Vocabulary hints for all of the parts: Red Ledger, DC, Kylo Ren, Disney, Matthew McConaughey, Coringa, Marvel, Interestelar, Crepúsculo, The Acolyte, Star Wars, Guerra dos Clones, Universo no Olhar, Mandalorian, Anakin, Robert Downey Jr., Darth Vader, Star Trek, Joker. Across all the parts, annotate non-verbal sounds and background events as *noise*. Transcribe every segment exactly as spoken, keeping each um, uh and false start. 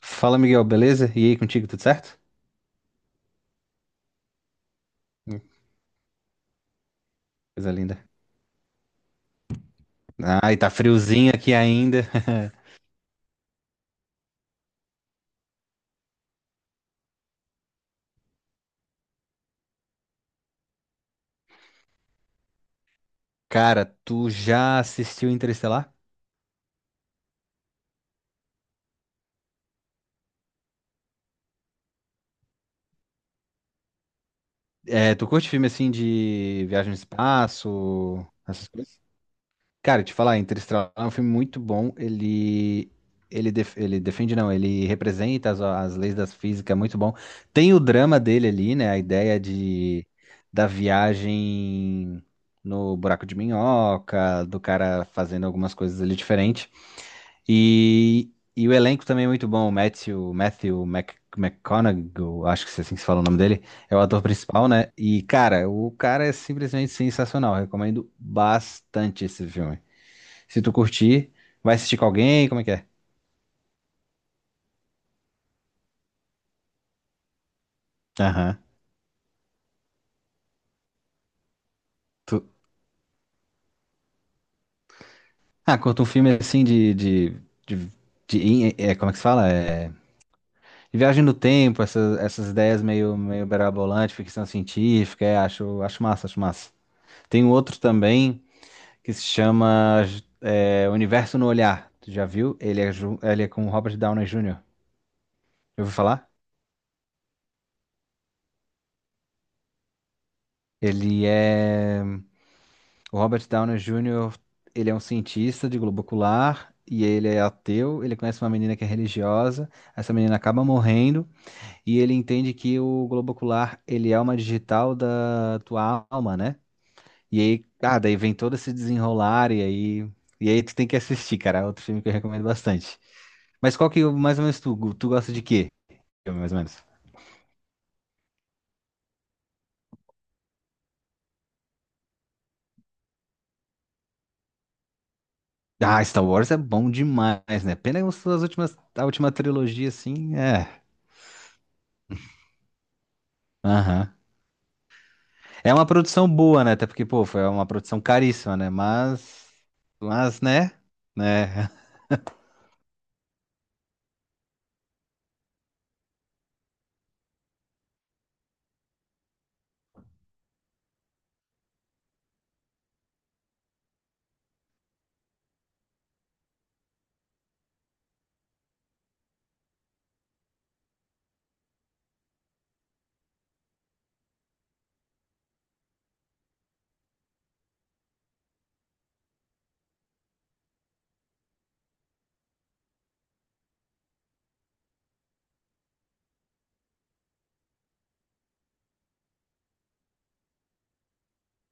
Fala, Miguel, beleza? E aí, contigo, tudo certo? Hum. Coisa linda. Ai, tá friozinho aqui ainda. *laughs* Cara, tu já assistiu Interestelar? É, tu curte filme assim de viagem no espaço, essas coisas? Cara, te falar, Interestelar é um filme muito bom. Ele ele, def- ele defende, não, ele representa as, as leis da física, é muito bom. Tem o drama dele ali, né? A ideia de da viagem no buraco de minhoca, do cara fazendo algumas coisas ali diferentes. E, e o elenco também é muito bom. O Matthew, Matthew Mc- McConaughey, eu acho que é assim que se fala o nome dele, é o ator principal, né? E, cara, o cara é simplesmente sensacional. Recomendo bastante esse filme. Se tu curtir, vai assistir com alguém, como é que é? Aham. Tu... Ah, curta um filme assim de, de, de, de- é, como é que se fala? É, de viagem no tempo, essas, essas ideias meio, meio berabolantes, ficção científica, é, acho, acho massa, acho massa. Tem um outro também, que se chama, é, Universo no Olhar. Tu já viu? Ele é, ju- ele é com o Robert Downey júnior Já ouviu falar? Ele é. O Robert Downey júnior, ele é um cientista de globo ocular e ele é ateu. Ele conhece uma menina que é religiosa. Essa menina acaba morrendo e ele entende que o globo ocular, ele é uma digital da tua alma, né? E aí, ah, daí vem todo esse desenrolar e aí. E aí tu tem que assistir, cara. É outro filme que eu recomendo bastante. Mas qual que mais ou menos tu, tu gosta de quê? Filme, mais ou menos. Ah, Star Wars é bom demais, né? Pena que as suas últimas, a última trilogia, assim, é. Aham. É uma produção boa, né? Até porque, pô, foi uma produção caríssima, né? Mas. Mas, né? Né? *laughs*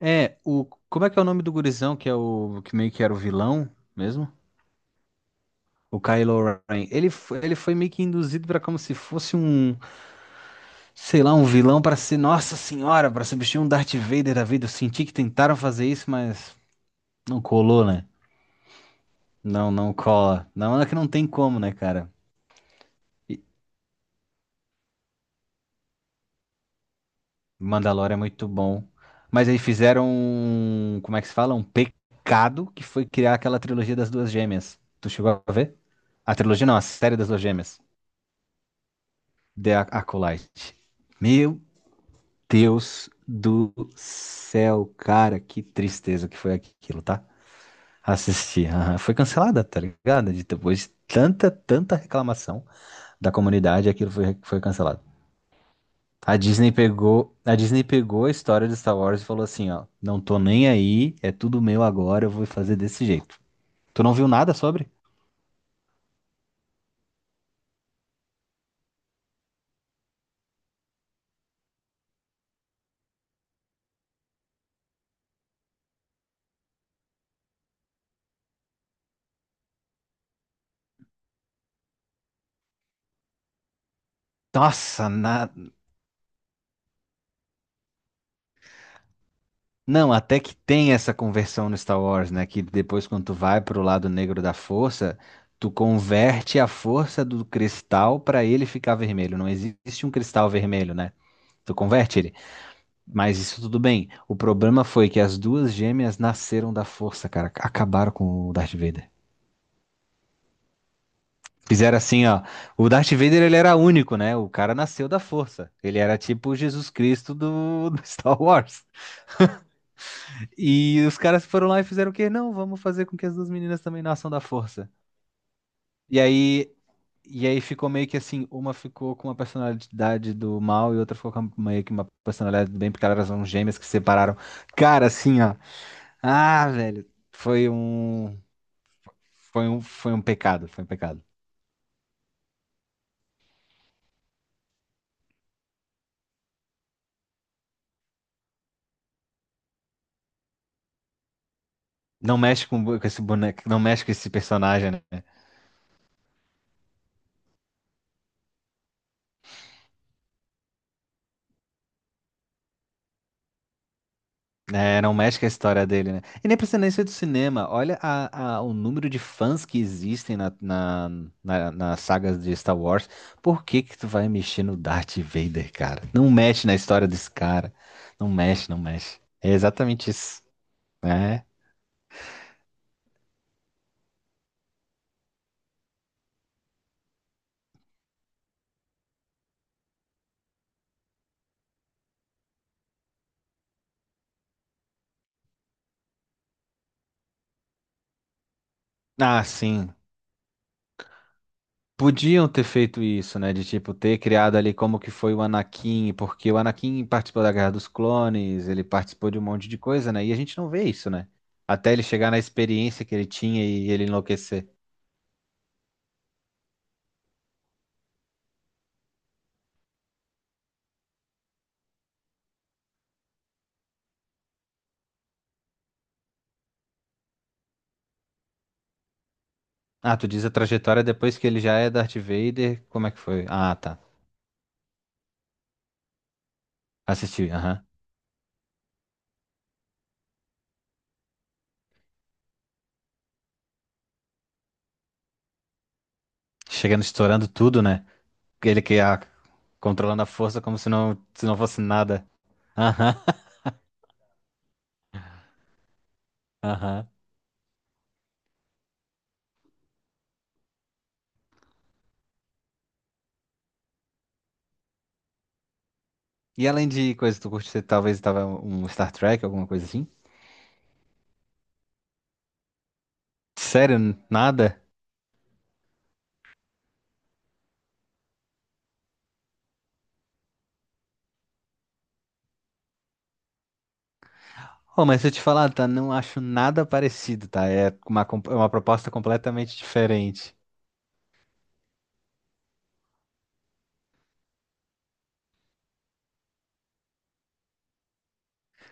É, o. Como é que é o nome do gurizão, que é o. Que meio que era o vilão mesmo? O Kylo Ren. Ele foi, ele foi meio que induzido pra como se fosse um. Sei lá, um vilão pra ser. Nossa Senhora, pra substituir um Darth Vader da vida. Eu senti que tentaram fazer isso, mas não colou, né? Não, não cola. Não, é que não tem como, né, cara? E Mandalorian é muito bom. Mas aí fizeram um, como é que se fala? Um pecado que foi criar aquela trilogia das duas gêmeas. Tu chegou a ver? A trilogia não, a série das duas gêmeas. The Acolyte. Meu Deus do céu, cara, que tristeza que foi aquilo, tá? Assisti. *laughs* Aham. Foi cancelada, tá ligado? De- Depois de tanta, tanta reclamação da comunidade, aquilo foi, foi cancelado. A Disney pegou, a Disney pegou a história de Star Wars e falou assim, ó, não tô nem aí, é tudo meu agora, eu vou fazer desse jeito. Tu não viu nada sobre? Nossa, na... Não, até que tem essa conversão no Star Wars, né, que depois quando tu vai pro lado negro da força, tu converte a força do cristal pra ele ficar vermelho. Não existe um cristal vermelho, né? Tu converte ele. Mas isso tudo bem. O problema foi que as duas gêmeas nasceram da força, cara. Acabaram com o Darth Vader. Fizeram assim, ó. O Darth Vader, ele era único, né? O cara nasceu da força. Ele era tipo o Jesus Cristo do, do *laughs* Star Wars. E os caras foram lá e fizeram o quê? Não, vamos fazer com que as duas meninas também nasçam da força. E aí, e aí ficou meio que assim, uma ficou com uma personalidade do mal e outra ficou com meio que uma personalidade do bem, porque elas eram gêmeas que se separaram. Cara, assim, ó. Ah, velho, foi um, foi um, foi um pecado, foi um pecado. Não mexe com, com esse boneco, não mexe com esse personagem, né? É, não mexe com a história dele, né? E nem precisa nem ser do cinema. Olha a- a- o número de fãs que existem na, na, na- nas sagas de Star Wars. Por que que tu vai mexer no Darth Vader, cara? Não mexe na história desse cara. Não mexe, não mexe. É exatamente isso, né? Ah, sim. Podiam ter feito isso, né? De tipo, ter criado ali como que foi o Anakin, porque o Anakin participou da Guerra dos Clones, ele participou de um monte de coisa, né? E a gente não vê isso, né? Até ele chegar na experiência que ele tinha e ele enlouquecer. Ah, tu diz a trajetória depois que ele já é Darth Vader, como é que foi? Ah, tá. Assisti, aham. Chegando estourando tudo, né? Ele que ah, controlando a força como se não, se não fosse nada. Aham. *laughs* Aham. E além de coisa, que tu curte, você talvez tava um Star Trek, alguma coisa assim? Sério, n- nada? Oh, mas se eu te falar, tá, não acho nada parecido, tá? É uma, com- é uma proposta completamente diferente.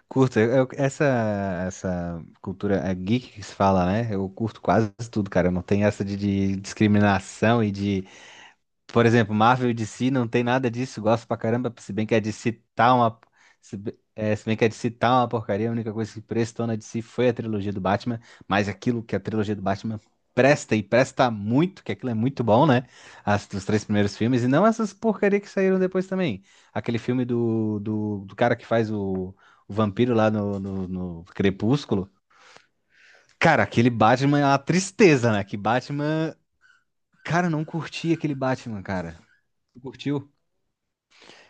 Curto, eu- eu- essa, essa cultura é geek que se fala, né? Eu curto quase tudo, cara. Eu não tenho essa de, de discriminação e de. Por exemplo, Marvel e D C não tem nada disso, gosto pra caramba, se bem que a D C tá uma. Se, be- é, se bem que a D C tá uma porcaria, a única coisa que prestou na D C foi a trilogia do Batman, mas aquilo que a trilogia do Batman presta e presta muito, que aquilo é muito bom, né? As, os três primeiros filmes, e não essas porcaria que saíram depois também. Aquele filme do, do, do cara que faz o, o vampiro lá no, no, no Crepúsculo. Cara, aquele Batman é uma tristeza, né? Que Batman. Cara, eu não curti aquele Batman, cara. Tu curtiu?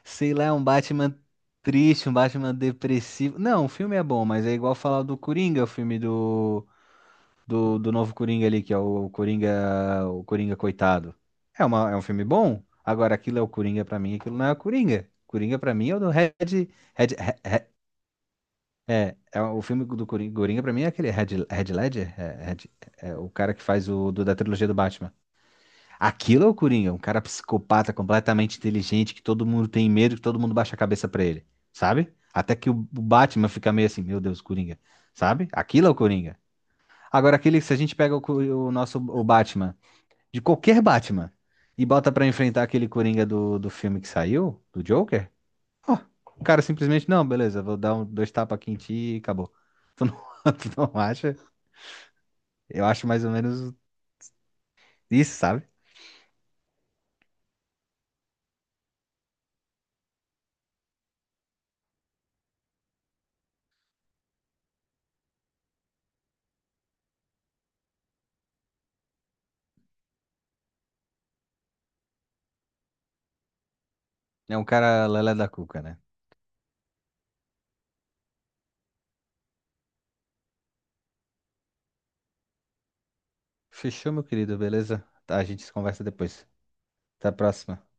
Sei lá, é um Batman triste, um Batman depressivo. Não, o filme é bom, mas é igual falar do Coringa, o filme do, do, do novo Coringa ali, que é o Coringa, o Coringa coitado. É uma, é um filme bom. Agora, aquilo é o Coringa pra mim, aquilo não é o Coringa. Coringa pra mim é o do Red, Red, Re- Re- é, é o filme do Coringa, Coringa pra mim é aquele Red, Red Ledger, é, Red- é o cara que faz o do, da trilogia do Batman. Aquilo é o Coringa, um cara psicopata, completamente inteligente, que todo mundo tem medo, que todo mundo baixa a cabeça pra ele, sabe? Até que o o Batman fica meio assim, meu Deus, Coringa, sabe? Aquilo é o Coringa. Agora, aquele, se a gente pega o, co- o nosso o Batman, de qualquer Batman, e bota pra enfrentar aquele Coringa do, do filme que saiu, do Joker, ó, o cara simplesmente, não, beleza, vou dar um, dois tapas aqui em ti e acabou. Tu não, *laughs* tu não acha? Eu acho mais ou menos isso, sabe? É um cara lelé da cuca, né? Fechou, meu querido, beleza? Tá, a gente se conversa depois. Até a próxima.